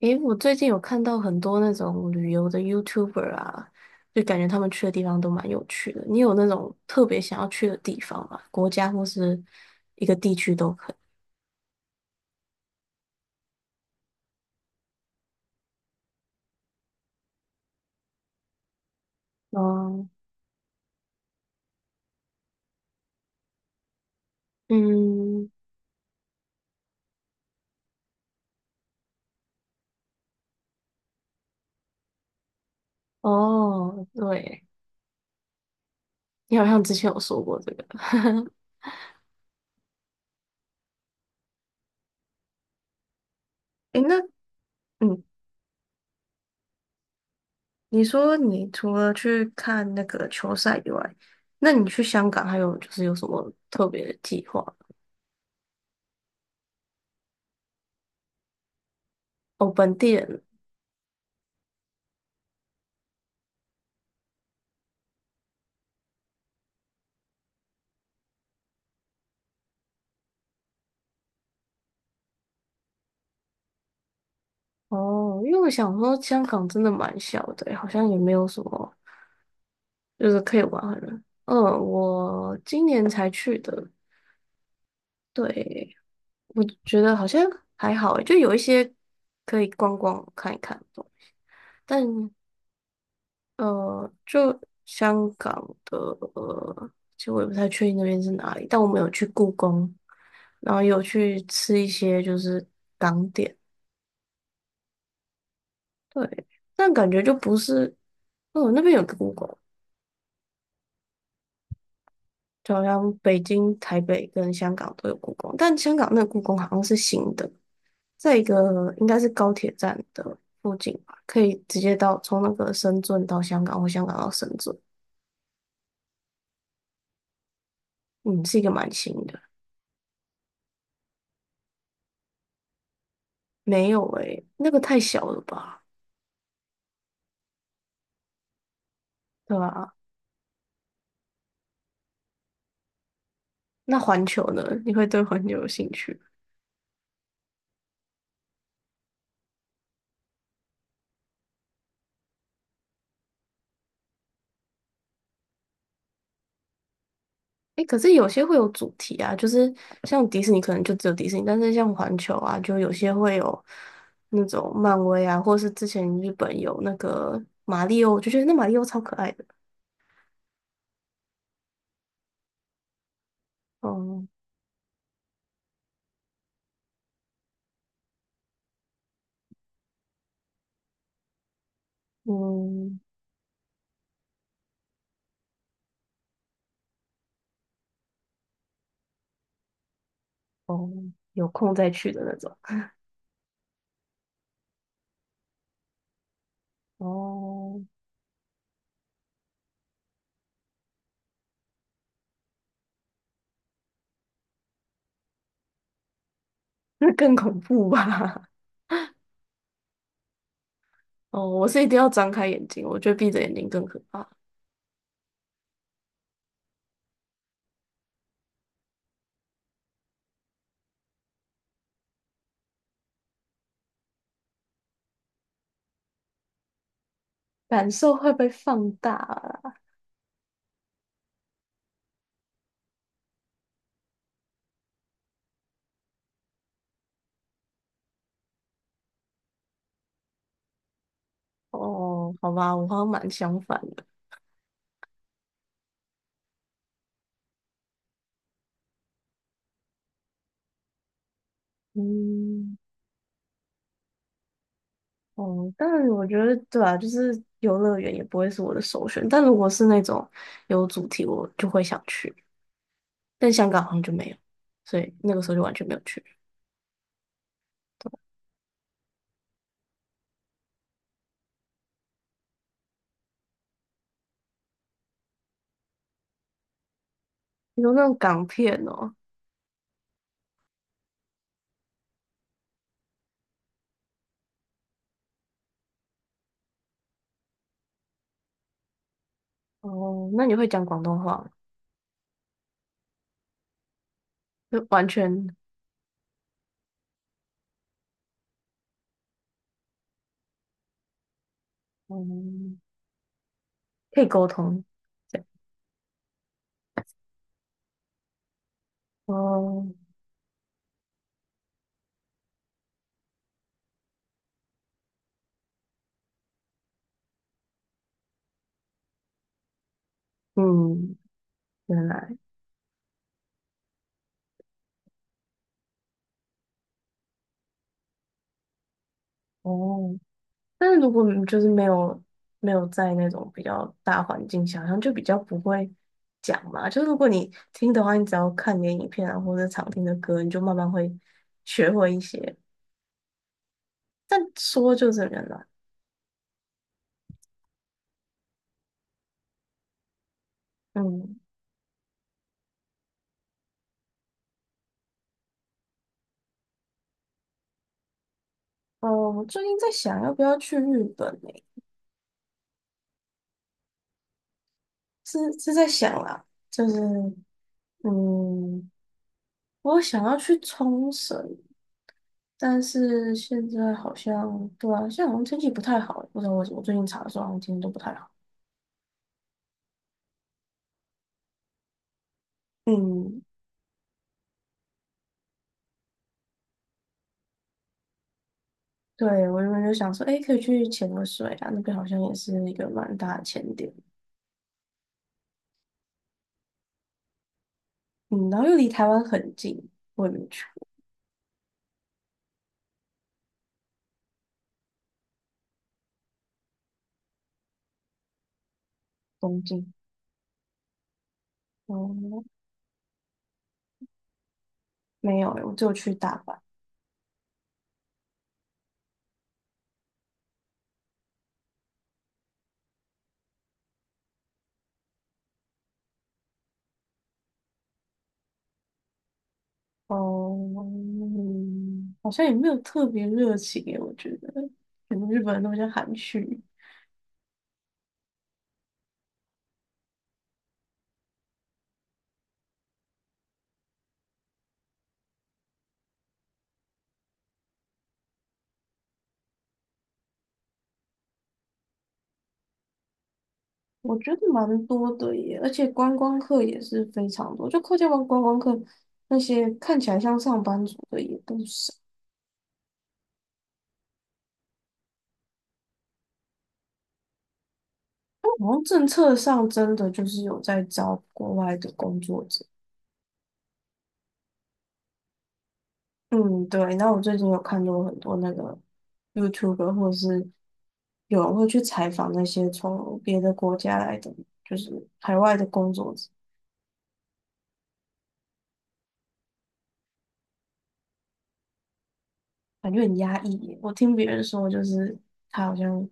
诶，我最近有看到很多那种旅游的 YouTuber 啊，就感觉他们去的地方都蛮有趣的。你有那种特别想要去的地方吗？国家或是一个地区都可以。哦，嗯，哦，对，你好像之前有说过这个。诶，那嗯，你说你除了去看那个球赛以外，那你去香港还有就是有什么特别的计划吗？哦，本地人。哦，因为我想说香港真的蛮小的欸，好像也没有什么就是可以玩的人。嗯，我今年才去的，对，我觉得好像还好诶，就有一些可以逛逛看一看的。但就香港的，呃，其实我也不太确定那边是哪里，但我们有去故宫，然后有去吃一些就是港点，对，但感觉就不是。哦，那边有个故宫。就好像北京、台北跟香港都有故宫，但香港那个故宫好像是新的，在一个应该是高铁站的附近吧，可以直接到从那个深圳到香港或香港到深圳，嗯，是一个蛮新的。没有诶、那个太小了吧？对吧？那环球呢？你会对环球有兴趣？诶，可是有些会有主题啊，就是像迪士尼可能就只有迪士尼，但是像环球啊，就有些会有那种漫威啊，或是之前日本有那个马里奥，我就觉得那马里奥超可爱的。嗯嗯，哦，有空再去的那种。哦，那更恐怖吧？哦，我是一定要张开眼睛，我觉得闭着眼睛更可怕，感受会被放大啊。哦，好吧，我好像蛮相反的。嗯。哦，但我觉得对啊，就是游乐园也不会是我的首选。但如果是那种有主题，我就会想去。但香港好像就没有，所以那个时候就完全没有去。你说那种港片哦，哦，那你会讲广东话吗？就完全，嗯，可以沟通。对，哦，嗯，原来。哦，但是如果你就是没有没有在那种比较大环境下，好像就比较不会讲嘛。就是如果你听的话，你只要看点影片啊，或者常听的歌，你就慢慢会学会一些。但说就是很难。嗯，哦，我最近在想要不要去日本诶、是是在想啦，就是嗯，我想要去冲绳，但是现在好像对啊，现在好像天气不太好，不知道为什么最近查的时候好像天气都不太好。嗯。对，我原本就想说，哎，可以去潜个水啊，那边好像也是一个蛮大的潜点，嗯，然后又离台湾很近，我也没去，东京。哦、没有欸，我就去大阪，哦、嗯好像也没有特别热情诶，我觉得，可能日本人都比较含蓄，我觉得蛮多的耶，而且观光客也是非常多，就客家湾观光客那些看起来像上班族的也不少。好像政策上真的就是有在招国外的工作者。嗯，对。那我最近有看到很多那个 YouTuber，或者是有人会去采访那些从别的国家来的，就是海外的工作者，感觉很压抑耶我听别人说，就是他好像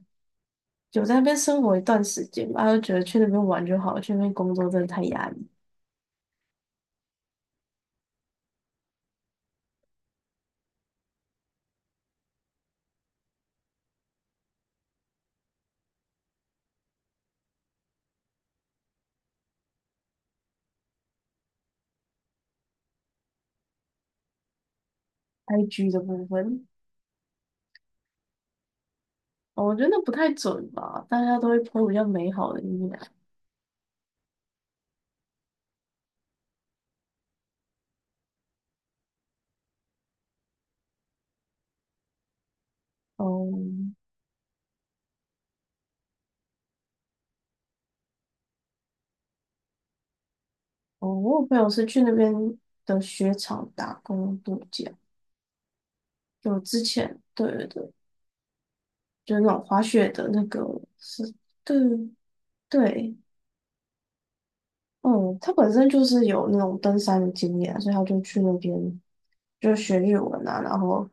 有在那边生活一段时间吧，他就觉得去那边玩就好了，去那边工作真的太压抑。IG 的部分，哦我觉得那不太准吧，大家都会 p 比较美好的一面。哦，嗯，哦，我有朋友是去那边的雪场打工度假，就之前对对对，就是那种滑雪的那个是，对对，嗯，他本身就是有那种登山的经验啊，所以他就去那边就学日文啊，然后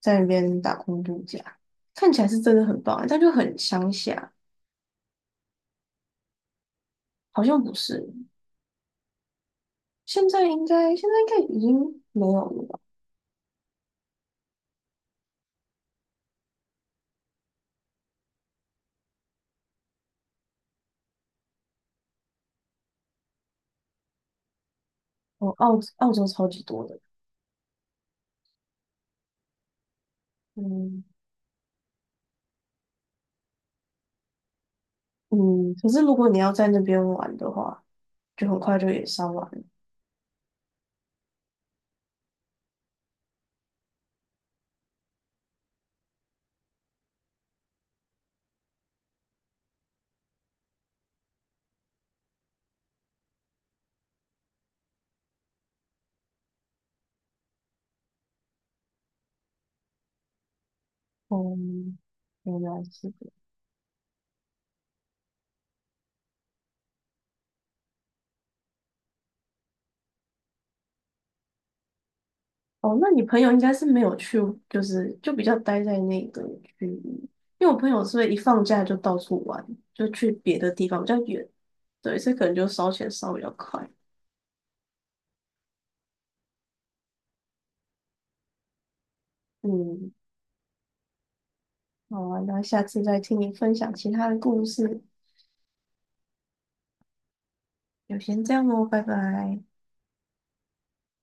在那边打工度假，看起来是真的很棒欸，但就很乡下，好像不是，现在应该已经没有了吧？哦，澳澳洲超级多的，嗯。嗯，可是如果你要在那边玩的话，就很快就也烧完了。嗯，原来是这样。哦，那你朋友应该是没有去，就是就比较待在那个区域，因为我朋友是会一放假就到处玩，就去别的地方比较远，对，所以可能就烧钱烧比较快。嗯，好啊那下次再听你分享其他的故事。就先这样哦，拜拜。